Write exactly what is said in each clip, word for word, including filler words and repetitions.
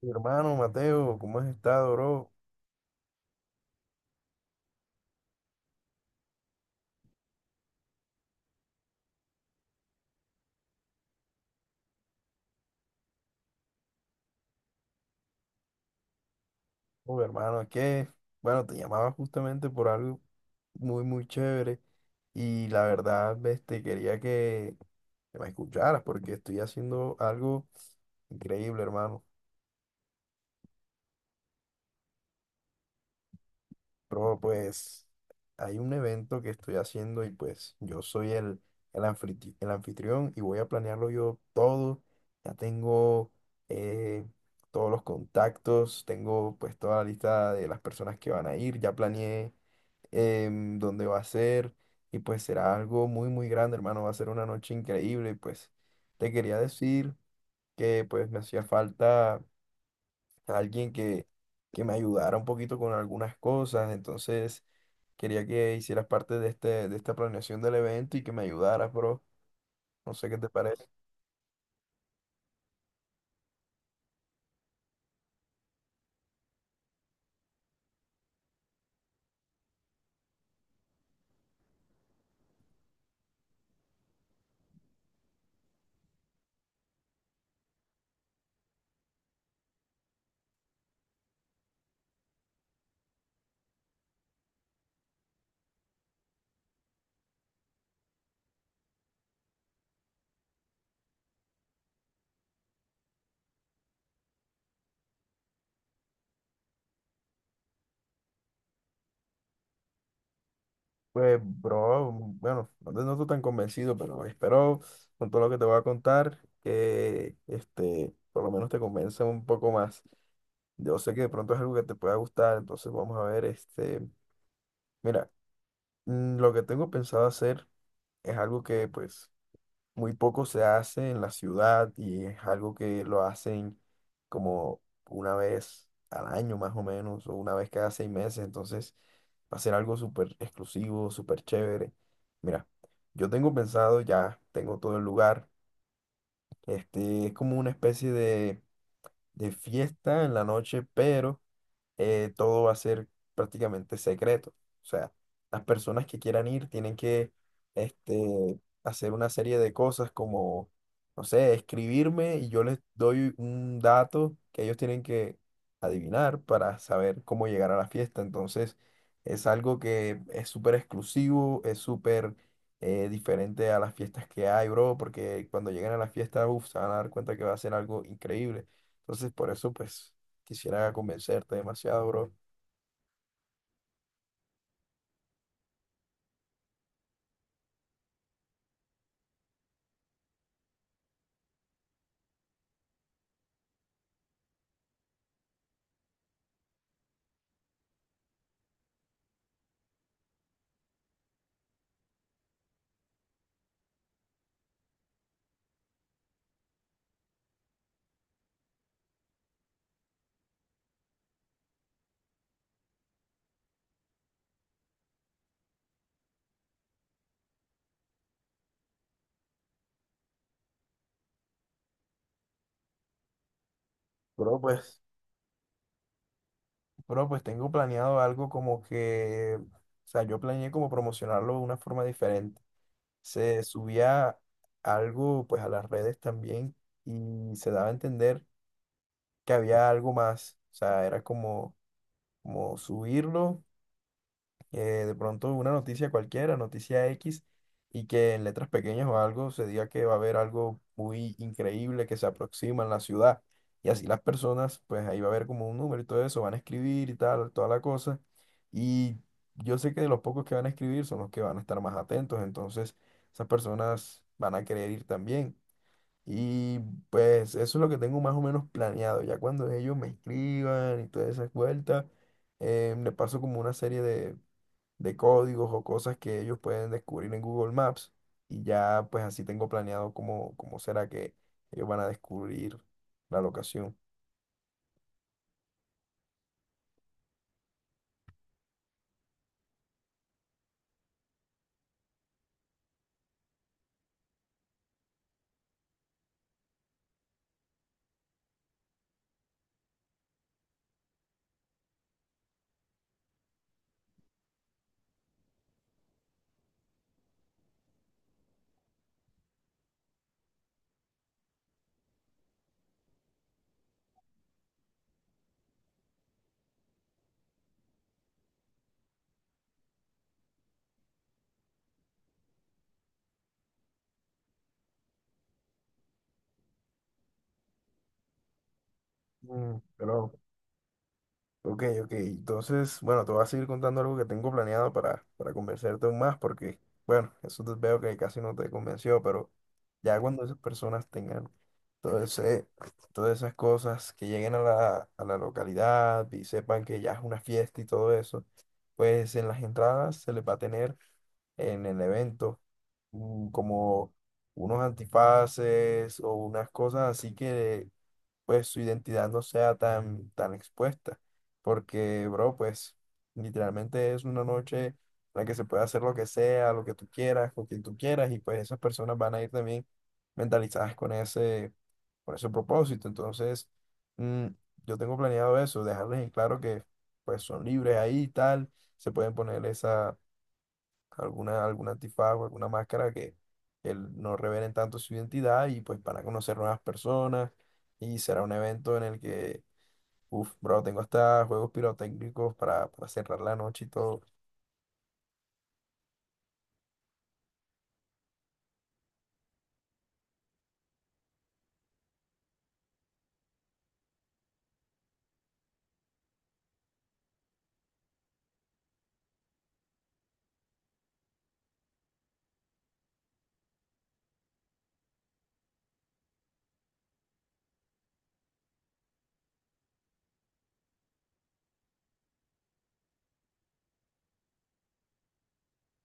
Mi hermano Mateo, ¿cómo has estado, bro? Oh, hermano, ¿qué? Bueno, te llamaba justamente por algo muy, muy chévere y la verdad, este, quería que, que me escucharas porque estoy haciendo algo increíble, hermano. Bro, pues hay un evento que estoy haciendo y pues yo soy el, el, anfitri- el anfitrión y voy a planearlo yo todo. Ya tengo eh, todos los contactos, tengo pues toda la lista de las personas que van a ir, ya planeé em, dónde va a ser y pues será algo muy muy grande, hermano, va a ser una noche increíble y pues te quería decir que pues me hacía falta alguien que, que me ayudara un poquito con algunas cosas. Entonces quería que hicieras parte de este, de esta planeación del evento y que me ayudaras, bro. No sé qué te parece. Pues, bro, mm, bueno, no te noto tan convencido, pero espero con todo lo que te voy a contar que este, por lo menos te convenza un poco más. Yo sé que de pronto es algo que te pueda gustar, entonces vamos a ver. Este, mira, mm, lo que tengo pensado hacer es algo que pues muy poco se hace en la ciudad, y es algo que lo hacen como una vez al año más o menos, o una vez cada seis meses. Entonces va a ser algo súper exclusivo, súper chévere. Mira, yo tengo pensado, ya tengo todo el lugar, este es como una especie de, de fiesta en la noche, pero eh, todo va a ser prácticamente secreto. O sea, las personas que quieran ir tienen que este, hacer una serie de cosas como, no sé, escribirme, y yo les doy un dato que ellos tienen que adivinar para saber cómo llegar a la fiesta. Entonces es algo que es súper exclusivo, es súper... eh, diferente a las fiestas que hay, bro, porque cuando lleguen a la fiesta, uf, se van a dar cuenta que va a ser algo increíble. Entonces, por eso, pues, quisiera convencerte demasiado, bro. Bro, pues, bro, pues tengo planeado algo como que, o sea, yo planeé como promocionarlo de una forma diferente. Se subía algo, pues, a las redes también, y se daba a entender que había algo más. O sea, era como, como subirlo. Que de pronto una noticia cualquiera, noticia X, y que en letras pequeñas o algo se diga que va a haber algo muy increíble que se aproxima en la ciudad. Y así las personas, pues ahí va a haber como un número y todo eso, van a escribir y tal, toda la cosa. Y yo sé que de los pocos que van a escribir son los que van a estar más atentos, entonces esas personas van a querer ir también. Y pues eso es lo que tengo más o menos planeado. Ya cuando ellos me escriban y todas esas vueltas, eh, le paso como una serie de, de códigos o cosas que ellos pueden descubrir en Google Maps, y ya pues así tengo planeado cómo, cómo será que ellos van a descubrir la locación. Mm, pero ok, ok. Entonces, bueno, te voy a seguir contando algo que tengo planeado para, para convencerte aún más, porque, bueno, eso te veo que casi no te convenció, pero ya cuando esas personas tengan todo ese- todas esas cosas, que lleguen a la, a la localidad y sepan que ya es una fiesta y todo eso, pues en las entradas se les va a tener en el evento, mm, como unos antifaces o unas cosas así, que pues su identidad no sea tan, tan expuesta. Porque, bro, pues literalmente es una noche en la que se puede hacer lo que sea, lo que tú quieras, con quien tú quieras, y pues esas personas van a ir también mentalizadas con ese, con ese propósito. Entonces, mm, yo tengo planeado eso, dejarles en claro que pues son libres ahí y tal, se pueden poner esa alguna, algún antifago, alguna máscara que, que no revelen tanto su identidad, y pues para conocer nuevas personas. Y será un evento en el que, uff, bro, tengo hasta juegos pirotécnicos para, para cerrar la noche y todo.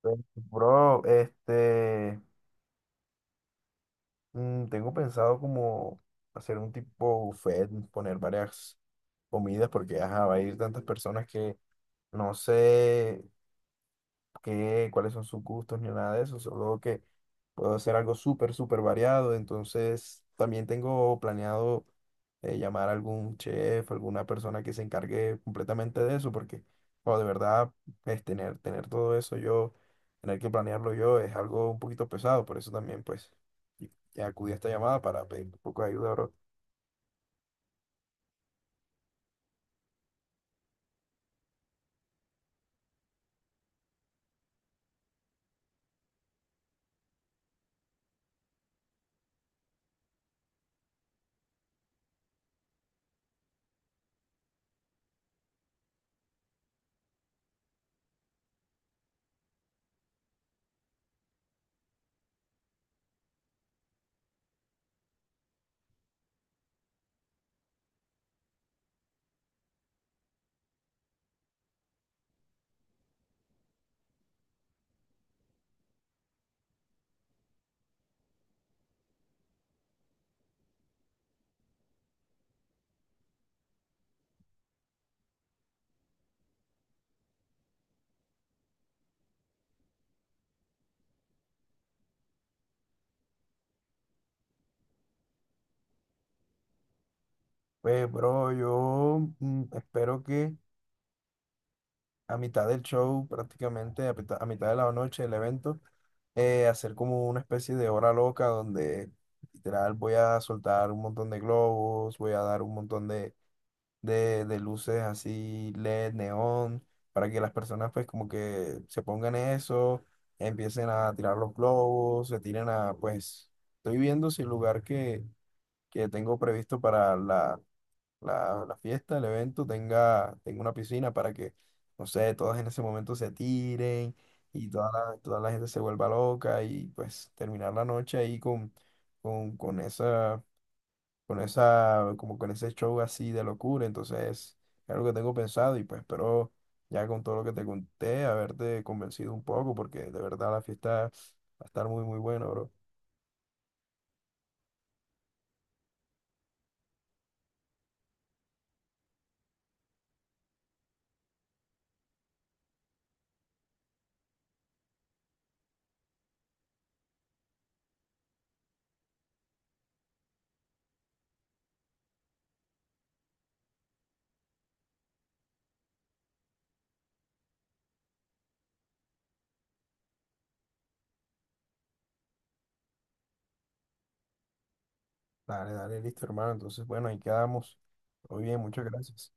Pues, bro, este, mm, tengo pensado como hacer un tipo buffet, poner varias comidas, porque ajá, va a ir tantas personas que no sé qué, cuáles son sus gustos ni nada de eso, solo que puedo hacer algo súper, súper variado. Entonces, también tengo planeado eh, llamar a algún chef, alguna persona que se encargue completamente de eso, porque, o de verdad, es tener, tener todo eso yo, tener que planearlo yo, es algo un poquito pesado. Por eso también, pues, y- y acudí a esta llamada para pedir un poco de ayuda, bro. Pues, bro, yo, mm, espero que a mitad del show, prácticamente a, pita- a mitad de la noche del evento, eh, hacer como una especie de hora loca donde literal voy a soltar un montón de globos, voy a dar un montón de, de, de luces así L E D, neón, para que las personas pues como que se pongan eso, empiecen a tirar los globos, se tiren a pues, estoy viendo si el lugar que, que tengo previsto para la la, la fiesta, el evento tenga, tenga una piscina para que, no sé, todas en ese momento se tiren, y toda la, toda la gente se vuelva loca, y pues terminar la noche ahí con, con, con esa, con esa, como con ese show así de locura. Entonces es algo que tengo pensado, y pues espero ya con todo lo que te conté haberte convencido un poco, porque de verdad la fiesta va a estar muy, muy buena, bro. Dale, dale, listo, hermano. Entonces, bueno, ahí quedamos. Muy bien, muchas gracias.